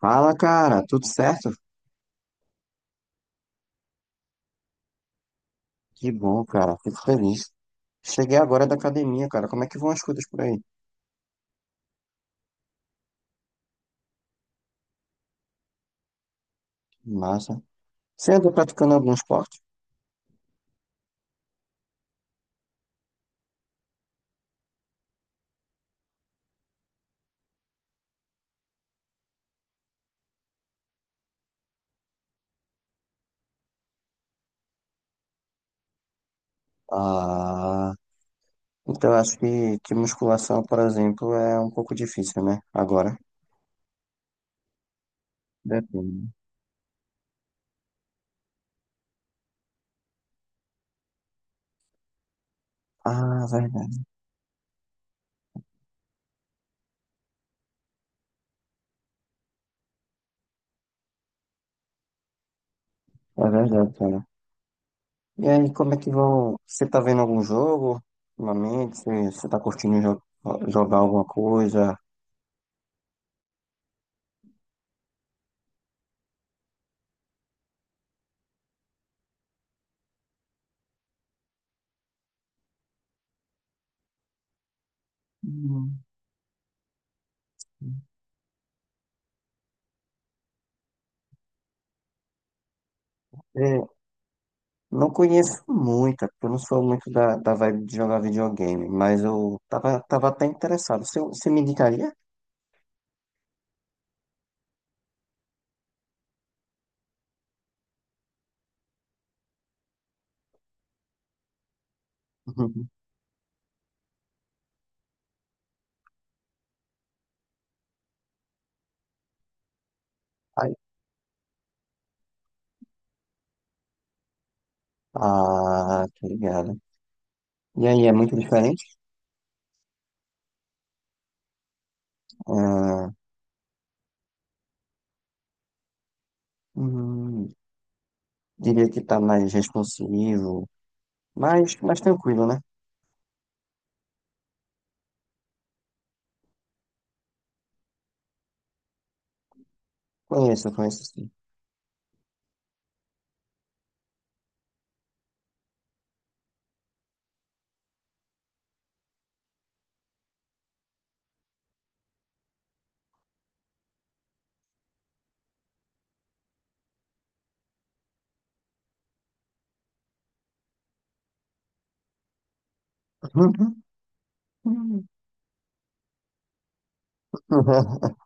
Fala, cara, tudo certo? Que bom, cara, fico feliz. Cheguei agora da academia, cara, como é que vão as coisas por aí? Massa. Você anda praticando algum esporte? Ah, então eu acho que musculação, por exemplo, é um pouco difícil, né? Agora. Depende. Ah, verdade. É verdade, cara. E aí, como é que vão? Você tá vendo algum jogo ultimamente? Você tá curtindo jogar alguma coisa? Hum. É não conheço muita, porque eu não sou muito da vibe de jogar videogame, mas eu tava, tava até interessado. Você me indicaria? Uhum. Ai, ah, tô ligado. E aí, é muito diferente? Ah, hum, diria que tá mais responsivo, mais, mais tranquilo, né? Conheço, conheço sim. Uhum. Uhum.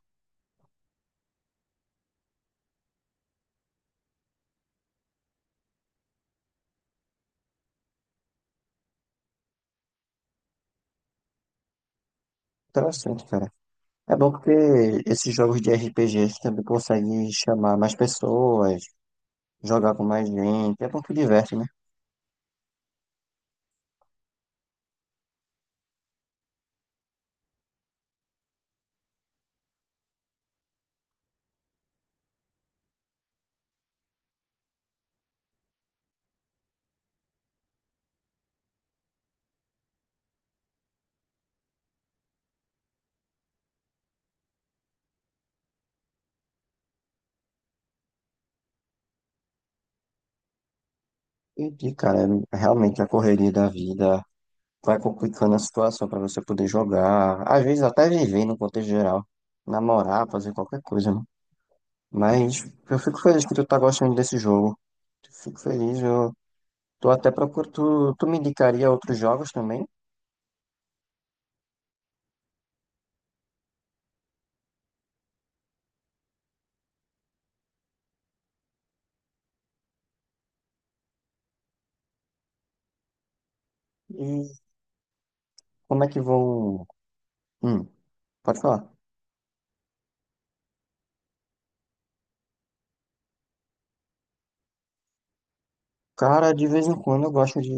Interessante, cara. É bom porque esses jogos de RPGs também conseguem chamar mais pessoas, jogar com mais gente. É bom que diverte, né? Entendi, cara. É realmente a correria da vida vai complicando a situação pra você poder jogar, às vezes até viver no contexto geral, namorar, fazer qualquer coisa, né? Mas eu fico feliz que tu tá gostando desse jogo. Fico feliz, eu tô até procurando. Tu me indicaria outros jogos também? E como é que vão. Hum, pode falar. Cara, de vez em quando eu gosto de.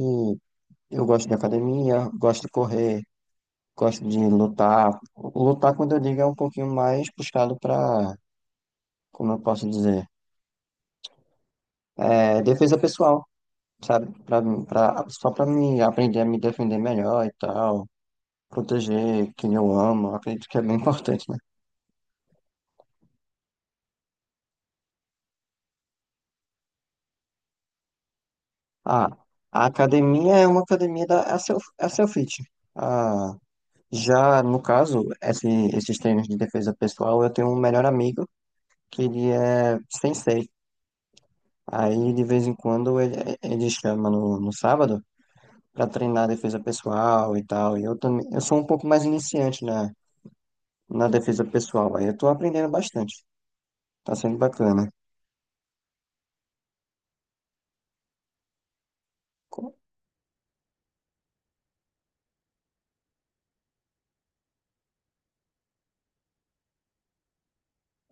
Eu gosto de academia, gosto de correr, gosto de lutar. Lutar, quando eu digo, é um pouquinho mais puxado pra como eu posso dizer, é, defesa pessoal, sabe? Só para me aprender a me defender melhor e tal, proteger quem eu amo, acredito que é bem importante, né? Ah, a academia é uma academia da é a self, é a self-fit. Ah, já no caso, esses treinos de defesa pessoal, eu tenho um melhor amigo que ele é sensei. Aí de vez em quando ele chama no sábado para treinar defesa pessoal e tal. E eu também, eu sou um pouco mais iniciante, né? Na defesa pessoal. Aí eu tô aprendendo bastante. Tá sendo bacana. Co-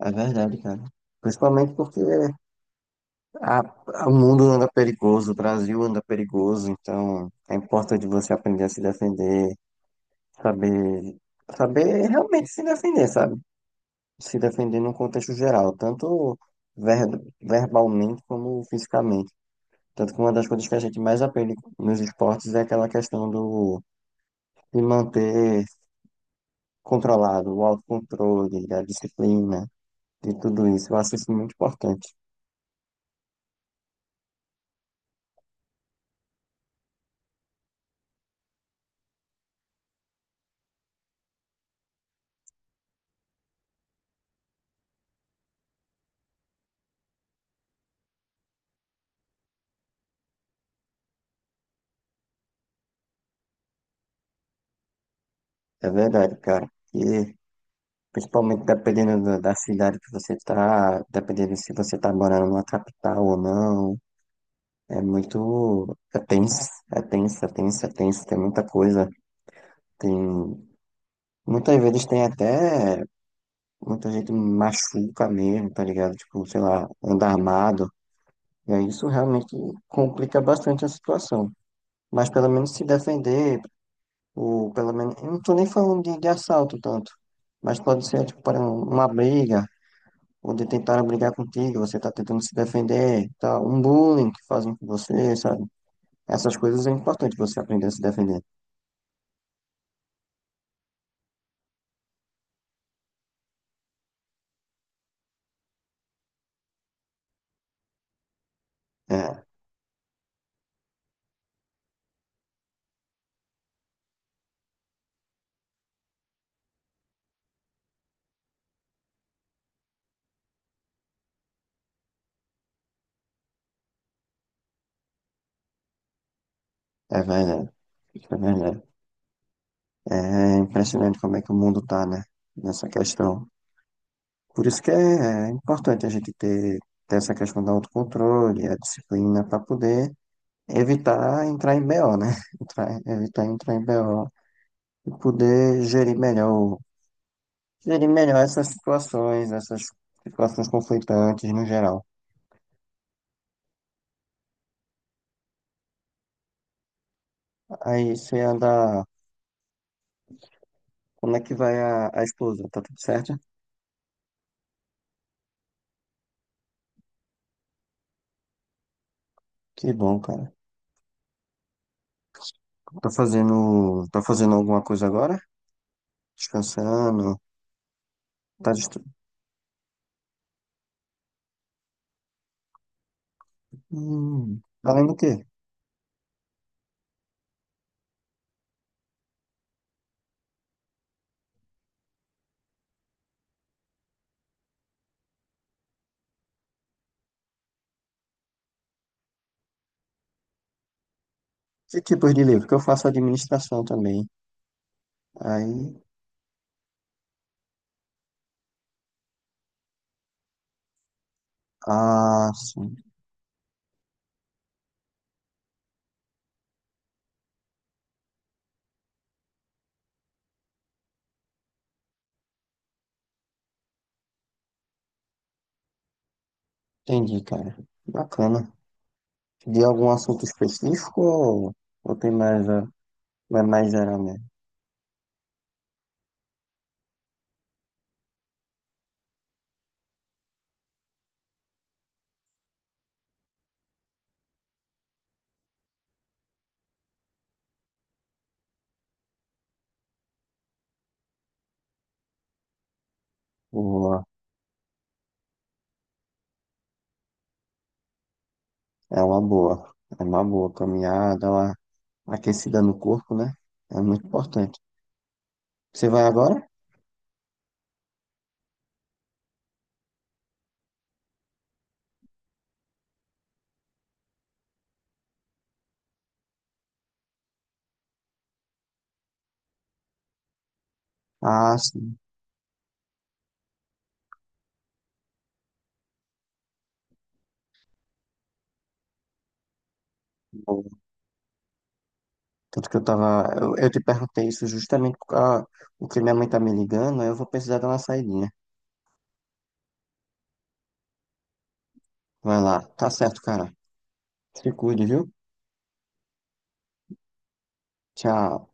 É verdade, cara. Principalmente porque o mundo anda perigoso, o Brasil anda perigoso, então é importante você aprender a se defender, saber, saber realmente se defender, sabe? Se defender num contexto geral, tanto ver, verbalmente como fisicamente. Tanto que uma das coisas que a gente mais aprende nos esportes é aquela questão do, de manter controlado, o autocontrole, a disciplina. De tudo isso. Eu acho isso muito importante. É verdade, cara. E principalmente dependendo da cidade que você tá, dependendo se você tá morando numa capital ou não, é muito. É tenso, é tenso, é tenso, é tenso, tem muita coisa. Tem. Muitas vezes tem até. Muita gente machuca mesmo, tá ligado? Tipo, sei lá, anda armado. E aí isso realmente complica bastante a situação. Mas pelo menos se defender ou pelo menos, eu não tô nem falando de assalto tanto, mas pode ser, tipo, para uma briga, onde tentaram brigar contigo, você tá tentando se defender, tá? Um bullying que fazem com você, sabe? Essas coisas é importante você aprender a se defender. É, é verdade, é verdade. É impressionante como é que o mundo tá, né? Nessa questão. Por isso que é importante a gente ter, ter essa questão do autocontrole, a disciplina para poder evitar entrar em BO, né? Evitar entrar em BO e poder gerir melhor essas situações conflitantes no geral. Aí você anda. Como é que vai a esposa? Tá tudo certo? Que bom, cara. Tá fazendo alguma coisa agora? Descansando? Tá dist... Hum, tá lendo o quê? Que tipos de livro? Que eu faço administração também. Aí, ah, sim. Entendi, cara. Bacana. De algum assunto específico ou tem mais, mais, mais geral mesmo? Boa. É uma boa. É uma boa caminhar, dar uma aquecida no corpo, né? É muito importante. Você vai agora? Ah, sim. Boa. Tanto que eu tava. Eu te perguntei isso justamente porque o que minha mãe tá me ligando, aí eu vou precisar dar uma saidinha. Vai lá. Tá certo, cara. Se cuide, viu? Tchau.